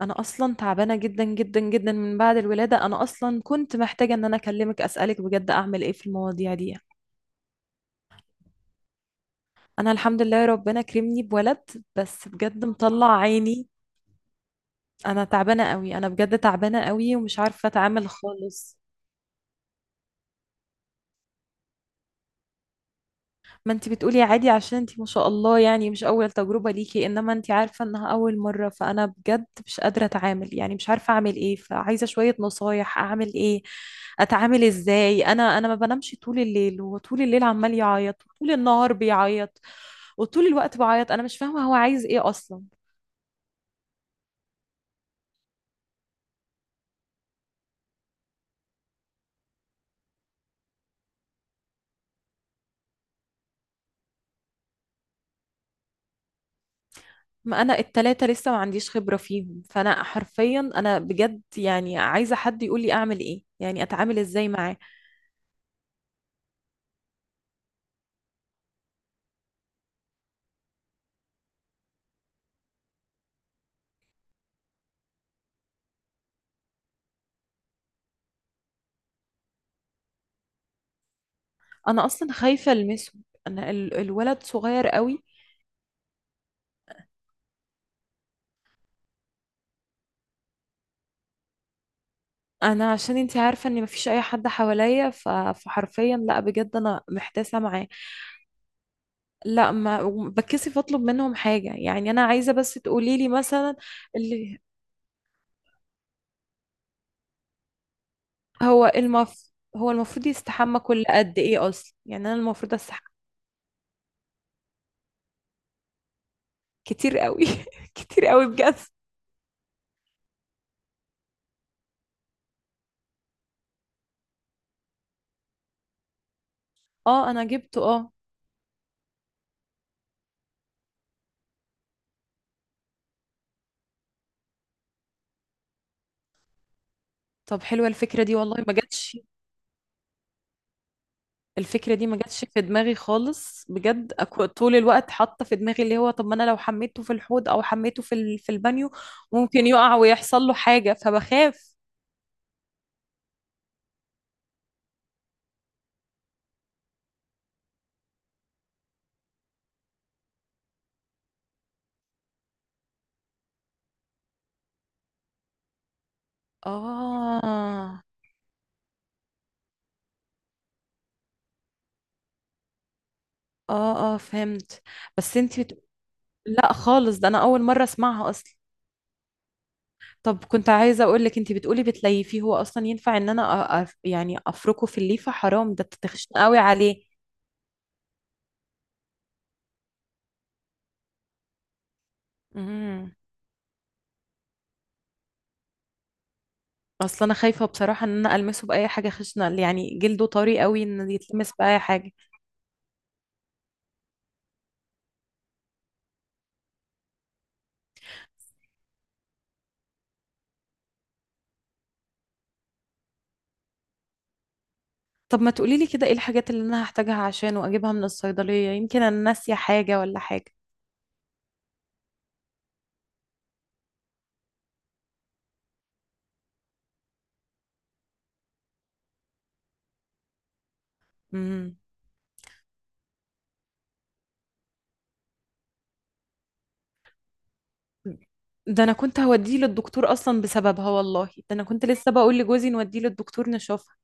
انا اصلا تعبانه جدا جدا جدا من بعد الولاده. انا اصلا كنت محتاجه ان انا اكلمك، اسالك بجد، اعمل ايه في المواضيع دي؟ انا الحمد لله ربنا كرمني بولد، بس بجد مطلع عيني. انا تعبانه قوي، انا بجد تعبانه قوي ومش عارفه اتعامل خالص. ما انت بتقولي عادي عشان انت ما شاء الله، يعني مش اول تجربة ليكي، انما انت عارفة انها اول مرة، فانا بجد مش قادرة اتعامل، يعني مش عارفة اعمل ايه، فعايزة شوية نصايح اعمل ايه؟ اتعامل ازاي؟ انا ما بنامش طول الليل، هو طول الليل عمال يعيط وطول النهار بيعيط وطول الوقت بعيط، انا مش فاهمة هو عايز ايه اصلا. ما انا التلاتة لسه ما عنديش خبرة فيهم، فانا حرفيا انا بجد يعني عايزة حد يقولي اعمل ايه، يعني اتعامل ازاي معاه. انا اصلا خايفه المسه. انا الولد صغير قوي. انا عشان انتي عارفه ان مفيش اي حد حواليا، فحرفيا، لا بجد انا محتاسه معاه. لا، ما بتكسف اطلب منهم حاجه، يعني انا عايزه بس تقولي لي مثلا. اللي هو هو المفروض يستحمى كل قد ايه اصلا؟ يعني انا المفروض استحمى. كتير قوي كتير قوي بجد. اه، انا جبته. اه. طب حلوه الفكره دي، والله ما جاتش. الفكرة دي ما جاتش في دماغي خالص بجد. طول الوقت حاطة في دماغي اللي هو، طب ما انا لو حميته في الحوض او حميته في في البانيو ممكن يقع ويحصل له حاجة فبخاف. اه، اه، اه، فهمت. بس انتي لا خالص، ده انا اول مرة اسمعها اصلا. طب كنت عايزة اقول لك، انتي بتقولي بتليفيه، هو اصلا ينفع ان انا يعني افركه في الليفة؟ حرام، ده تخشن قوي عليه. امم. اصلا انا خايفة بصراحة ان انا المسه باي حاجة خشنة، يعني جلده طري قوي ان يتلمس باي حاجة. طب ما تقولي لي كده ايه الحاجات اللي انا هحتاجها عشان واجيبها من الصيدلية؟ يمكن انا ناسية حاجة ولا حاجة. امم، ده انا كنت هوديه للدكتور اصلا بسببها، والله ده انا كنت لسه بقول لجوزي نوديه للدكتور نشوفها.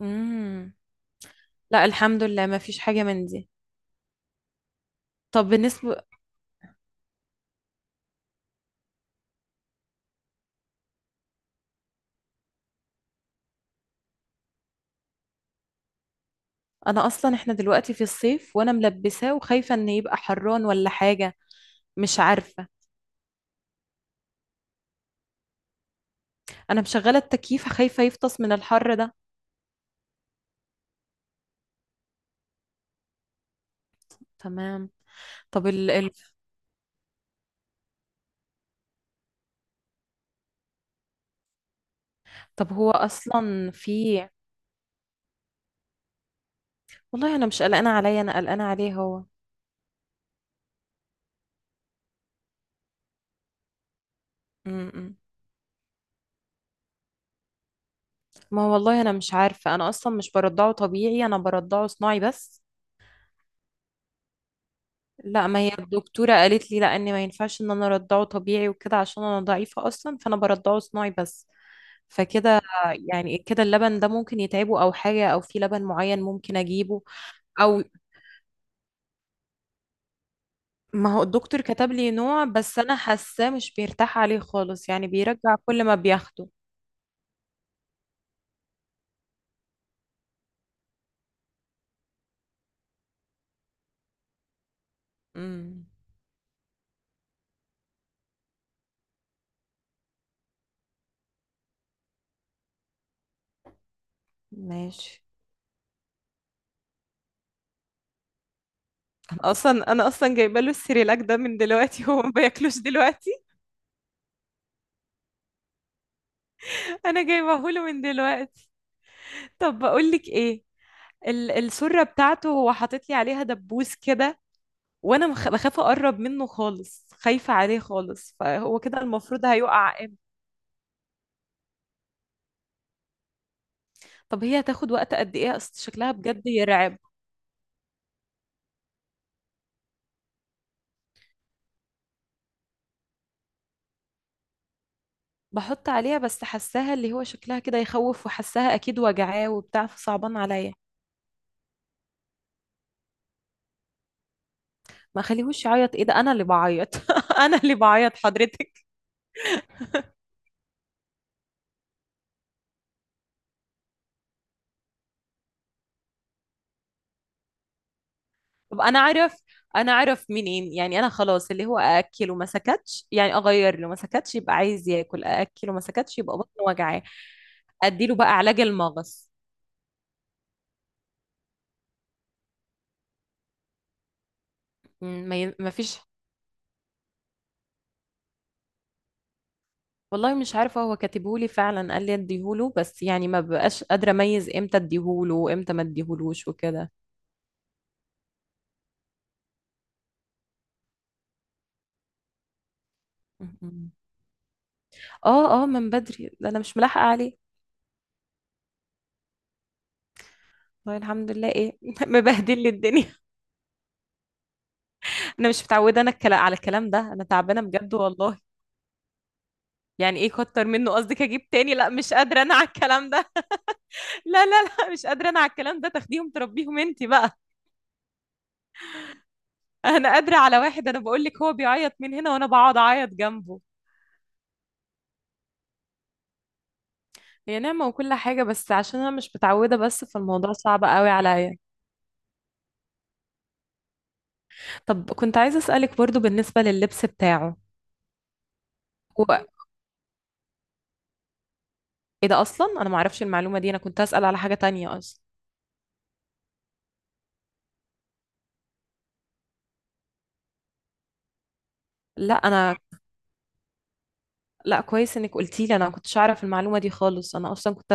امم. لا الحمد لله ما فيش حاجة من دي. طب بالنسبة انا اصلا احنا دلوقتي في الصيف وانا ملبساه وخايفة ان يبقى حران ولا حاجة. مش عارفة. انا مشغلة التكييف، خايفة يفطس من الحر ده. تمام. طب ال... ال... طب هو اصلا في والله انا مش قلقانه عليا، انا قلقانه عليه هو. امم. ما هو والله انا مش عارفه، انا اصلا مش برضعه طبيعي، انا برضعه صناعي بس. لا، ما هي الدكتوره قالت لي لا ان ما ينفعش ان انا ارضعه طبيعي وكده، عشان انا ضعيفه اصلا، فانا برضعه صناعي بس. فكده، يعني كده اللبن ده ممكن يتعبه او حاجه، او في لبن معين ممكن اجيبه؟ او ما هو الدكتور كتب لي نوع بس انا حاساه مش بيرتاح عليه خالص، يعني بيرجع كل ما بياخده. امم. ماشي. اصلا انا اصلا جايبه له السيريلاك ده من دلوقتي هو ما بياكلوش دلوقتي. انا جايبه له من دلوقتي. طب بقول لك ايه، السره بتاعته هو حاطط لي عليها دبوس كده، وانا بخاف اقرب منه خالص، خايفه عليه خالص. فهو كده المفروض هيقع امتى؟ طب هي هتاخد وقت قد ايه؟ اصل شكلها بجد يرعب. بحط عليها بس حاساها اللي هو شكلها كده يخوف، وحاساها اكيد وجعاه وبتاع، فصعبان عليا. ما خليهوش يعيط ايه؟ ده انا اللي بعيط انا اللي بعيط حضرتك. طب انا اعرف منين، يعني انا خلاص اللي هو ااكله ما سكتش يعني اغير له ما سكتش يبقى عايز ياكل، ااكله ما سكتش يبقى بطنه وجعاه. اديله بقى علاج المغص. مم، ما فيش. والله مش عارفه، هو كاتبهولي فعلا قال لي اديهوله، بس يعني ما بقاش قادره اميز امتى اديهوله وامتى ما اديهولوش وكده. مم. اه، اه، من بدري، ده انا مش ملاحقه عليه. والله الحمد لله ايه مبهدل لي الدنيا. انا مش متعوده، انا على الكلام ده، انا تعبانه بجد والله. يعني ايه كتر منه؟ قصدك اجيب تاني؟ لا مش قادره انا على الكلام ده لا، لا، لا، مش قادره انا على الكلام ده، تاخديهم تربيهم انت بقى. انا قادره على واحد، انا بقول لك، هو بيعيط من هنا وانا بقعد اعيط جنبه. هي نعمه وكل حاجه، بس عشان انا مش متعوده بس، فالموضوع صعب قوي عليا. طب كنت عايزه اسالك برضو بالنسبه لللبس بتاعه. هو ايه ده اصلا؟ انا ما اعرفش المعلومه دي. انا كنت اسال على حاجه تانية اصلا. لا انا لا كويس انك قلتي لي، انا ما كنتش اعرف المعلومه دي خالص، انا اصلا كنت.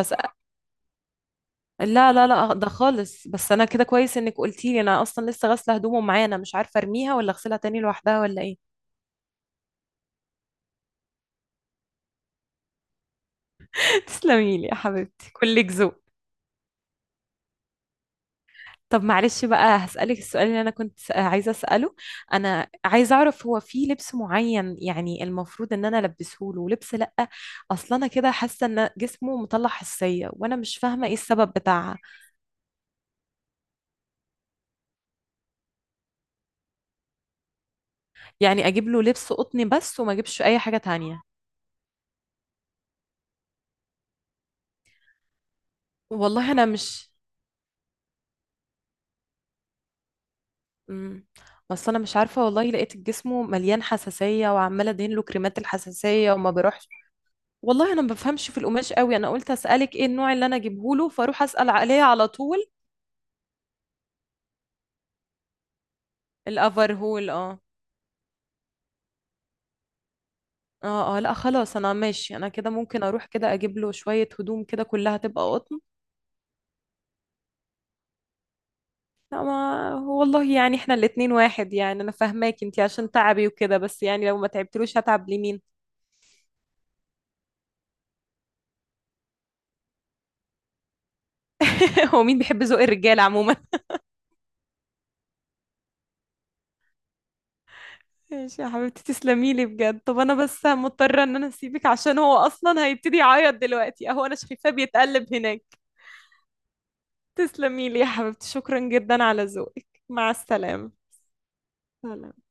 لا، لا، لا، ده خالص، بس انا كده كويس انك قلتي لي، انا اصلا لسه غاسله هدومه معايا، انا مش عارفه ارميها ولا اغسلها تاني لوحدها ولا ايه. تسلمي لي يا حبيبتي، كلك ذوق. طب معلش بقى هسألك السؤال اللي انا كنت عايزه اسأله. انا عايزه اعرف، هو في لبس معين يعني المفروض ان انا البسه له ولبس لا؟ اصلا انا كده حاسه ان جسمه مطلع حساسيه وانا مش فاهمه ايه السبب بتاعها. يعني اجيب له لبس قطني بس وما اجيبش اي حاجه تانية؟ والله انا مش، امم بس انا مش عارفه، والله لقيت جسمه مليان حساسيه وعماله ادهن له كريمات الحساسيه وما بيروحش. والله انا ما بفهمش في القماش قوي، انا قلت اسالك ايه النوع اللي انا اجيبه له فاروح اسال عليه على طول. الافرهول، اه. اه، اه، لا خلاص انا ماشي، انا كده ممكن اروح كده اجيب له شويه هدوم كده كلها تبقى قطن. لا ما والله، يعني احنا الاتنين واحد، يعني انا فاهماك انتي عشان تعبي وكده، بس يعني لو ما تعبتلوش هتعب لمين؟ هو مين بيحب ذوق الرجاله عموما؟ ماشي يا حبيبتي، تسلمي لي بجد. طب انا بس مضطره ان انا اسيبك عشان هو اصلا هيبتدي يعيط دلوقتي، اهو انا شايفاه بيتقلب هناك. تسلمي لي يا حبيبتي، شكرا جدا على ذوقك، مع السلامه. سلام.